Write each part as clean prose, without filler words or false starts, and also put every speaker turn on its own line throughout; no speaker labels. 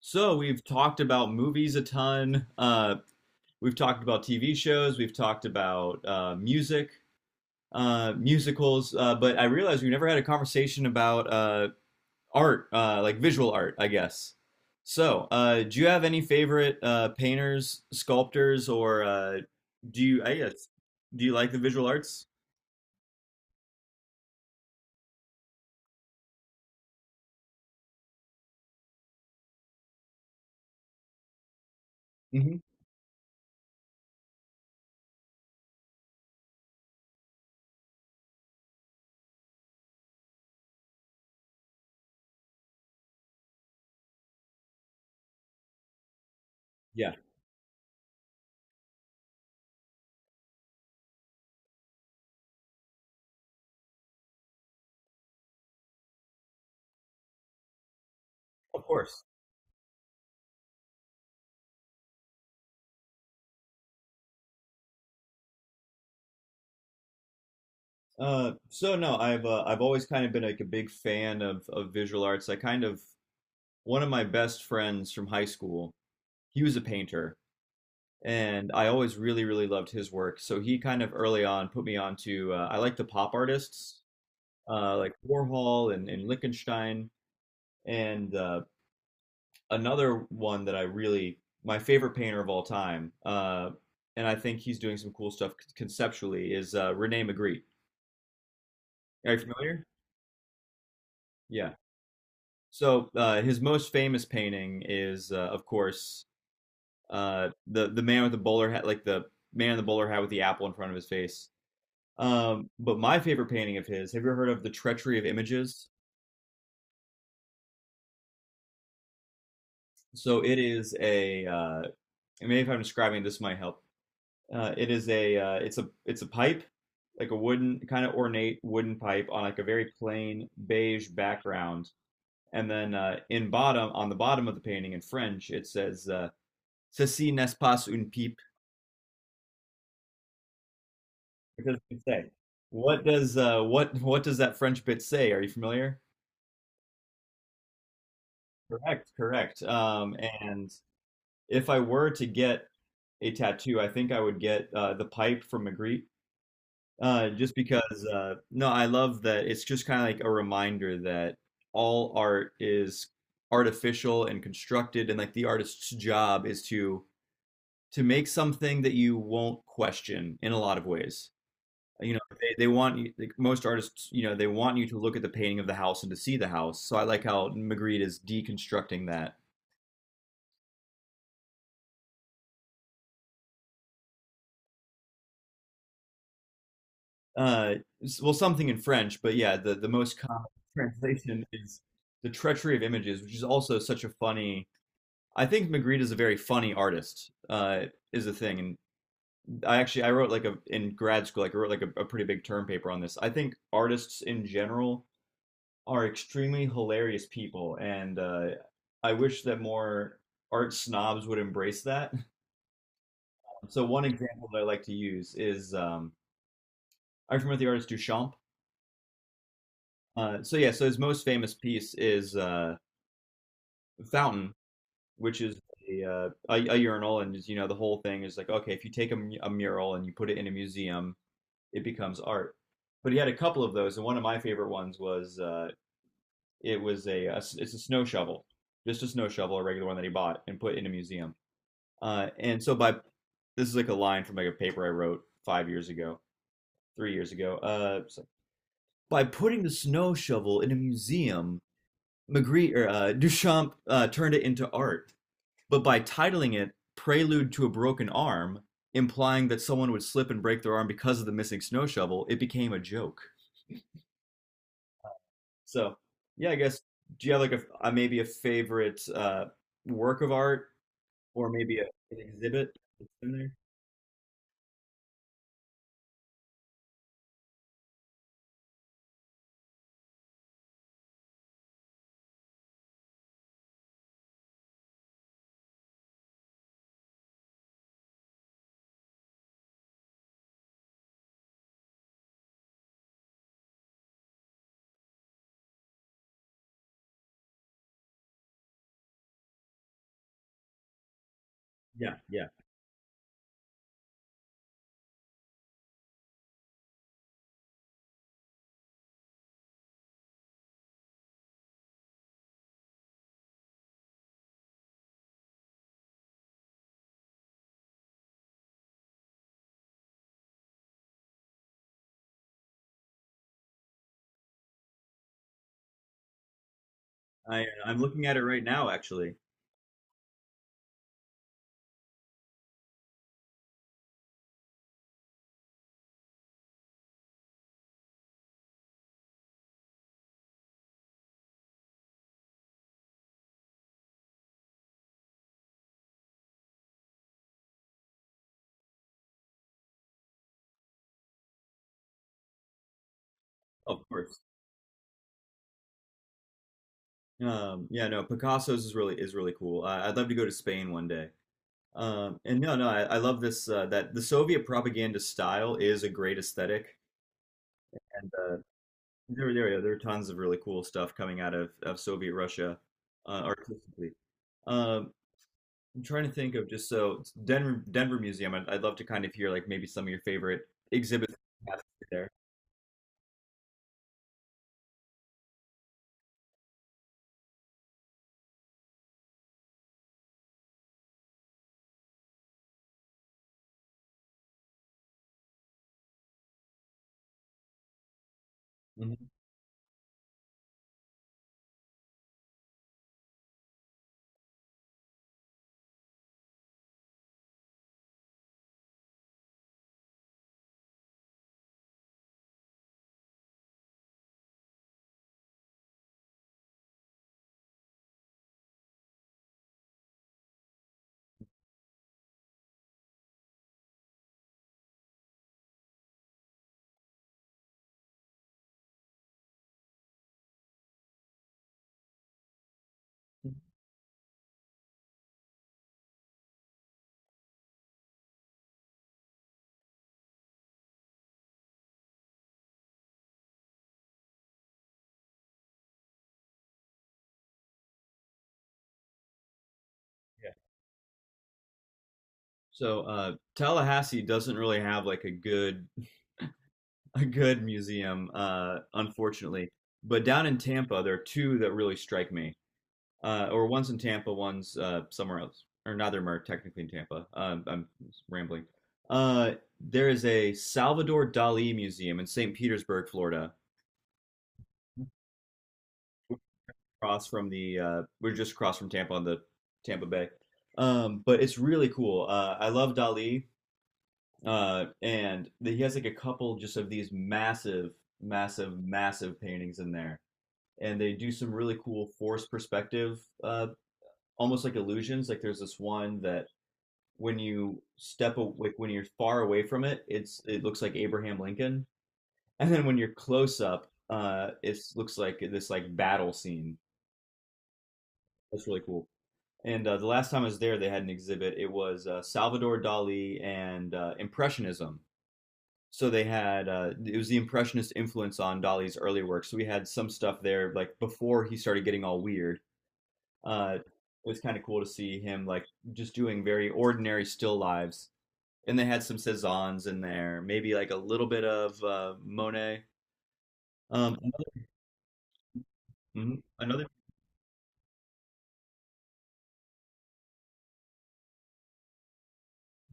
So we've talked about movies a ton. We've talked about TV shows. We've talked about music, musicals. But I realized we never had a conversation about art, like visual art, I guess. So do you have any favorite painters, sculptors, or do you? I guess do you like the visual arts? Hmm. Yeah, of course. So no, I've always kind of been like a big fan of visual arts. I kind of One of my best friends from high school, he was a painter, and I always really, really loved his work. So he kind of early on put me onto I like the pop artists like Warhol and Lichtenstein, and another one that I really my favorite painter of all time, and I think he's doing some cool stuff conceptually is Rene Magritte. Are you familiar? Yeah. So his most famous painting is, of course, the man with the bowler hat, like the man in the bowler hat with the apple in front of his face. But my favorite painting of his, have you ever heard of the Treachery of Images? So it is a, maybe if I'm describing this might help. It is a, it's a, it's a pipe, like a wooden kind of ornate wooden pipe on like a very plain beige background. And then on the bottom of the painting in French, it says, "Ceci n'est pas une pipe." What does it say? What does that French bit say? Are you familiar? Correct, correct. And if I were to get a tattoo, I think I would get the pipe from Magritte. Just because no, I love that it's just kind of like a reminder that all art is artificial and constructed, and like the artist's job is to make something that you won't question in a lot of ways. You know, they want you, like most artists, you know, they want you to look at the painting of the house and to see the house. So I like how Magritte is deconstructing that. Uh, well, something in French, but yeah, the most common translation is the treachery of images, which is also such a funny. I think Magritte is a very funny artist, is the thing. And I wrote like a in grad school, like I wrote like a pretty big term paper on this. I think artists in general are extremely hilarious people, and I wish that more art snobs would embrace that. So one example that I like to use is I'm familiar with the artist Duchamp. So his most famous piece is Fountain, which is a urinal, and you know the whole thing is like okay, if you take a mural and you put it in a museum, it becomes art. But he had a couple of those, and one of my favorite ones was it was a s- it's a snow shovel, just a snow shovel, a regular one that he bought and put in a museum. And so by This is like a line from like a paper I wrote 5 years ago, 3 years ago. By putting the snow shovel in a museum, Magritte or Duchamp turned it into art. But by titling it "Prelude to a Broken Arm," implying that someone would slip and break their arm because of the missing snow shovel, it became a joke. So yeah, I guess do you have like a maybe a favorite work of art or maybe a, an exhibit that's in there? Yeah, yeah. I'm looking at it right now, actually. Of course. Yeah, no, Picasso's is really cool. I'd love to go to Spain one day. And no, I love this that the Soviet propaganda style is a great aesthetic, and there there yeah, there are tons of really cool stuff coming out of Soviet Russia artistically. Um, I'm trying to think of just so Denver Museum. I'd love to kind of hear like maybe some of your favorite exhibits you have there. Mhm. Yeah. So Tallahassee doesn't really have like a good museum, unfortunately. But down in Tampa, there are two that really strike me. Or one's in Tampa, one's somewhere else. Or neither of them are technically in Tampa. I'm rambling. Uh, there is a Salvador Dali Museum in St. Petersburg, Florida, across from the we're just across from Tampa on the Tampa Bay. But it's really cool. I love Dali, he has like a couple just of these massive, massive, massive paintings in there and they do some really cool force perspective, almost like illusions. Like there's this one that when you step a- like when you're far away from it, it looks like Abraham Lincoln, and then when you're close up, it looks like this like battle scene. That's really cool. And the last time I was there, they had an exhibit. It was Salvador Dali and Impressionism. So they had it was the Impressionist influence on Dali's early work. So we had some stuff there like before he started getting all weird . It was kind of cool to see him like just doing very ordinary still lives. And they had some Cezannes in there, maybe like a little bit of Monet. Um, another, mhm, another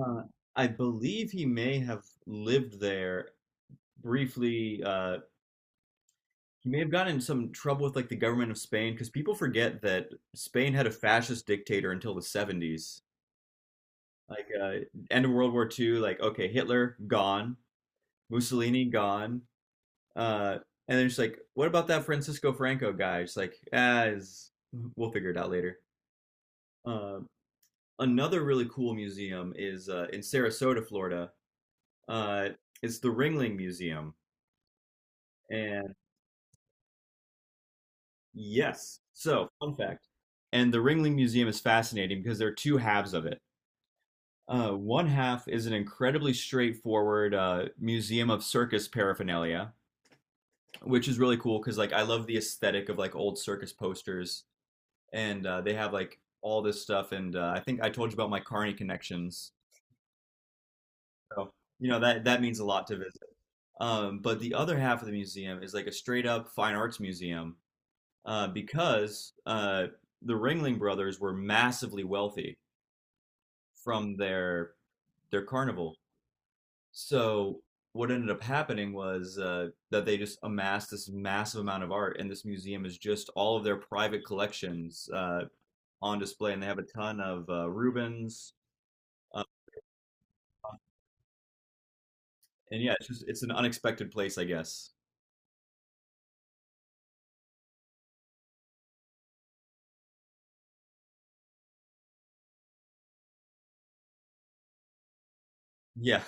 uh, I believe he may have lived there briefly. He may have gotten in some trouble with like the government of Spain because people forget that Spain had a fascist dictator until the 70s. Like uh, End of World War II, like okay, Hitler gone, Mussolini gone, Uh, and they're just like, what about that Francisco Franco guy? She's like, ah, is we'll figure it out later. Uh, Another really cool museum is in Sarasota, Florida. Uh, it's the Ringling Museum. And yes, so fun fact. And the Ringling Museum is fascinating because there are two halves of it. One half is an incredibly straightforward museum of circus paraphernalia, which is really cool because like I love the aesthetic of like old circus posters and they have like all this stuff. And I think I told you about my Carney connections. So, you know, that means a lot to visit. But the other half of the museum is like a straight up fine arts museum because the Ringling Brothers were massively wealthy from their carnival. So what ended up happening was that they just amassed this massive amount of art, and this museum is just all of their private collections on display, and they have a ton of Rubens, uh, and yeah, it's just it's an unexpected place, I guess. Yeah.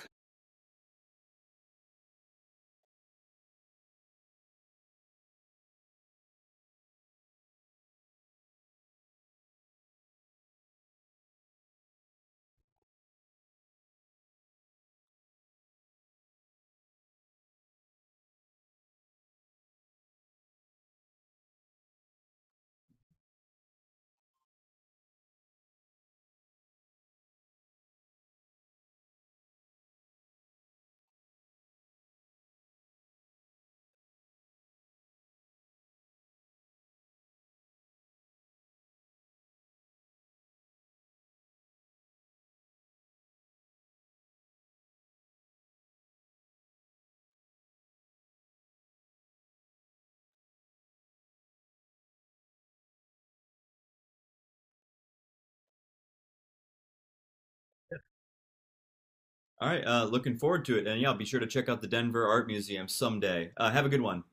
All right. Looking forward to it, and yeah, be sure to check out the Denver Art Museum someday. Have a good one.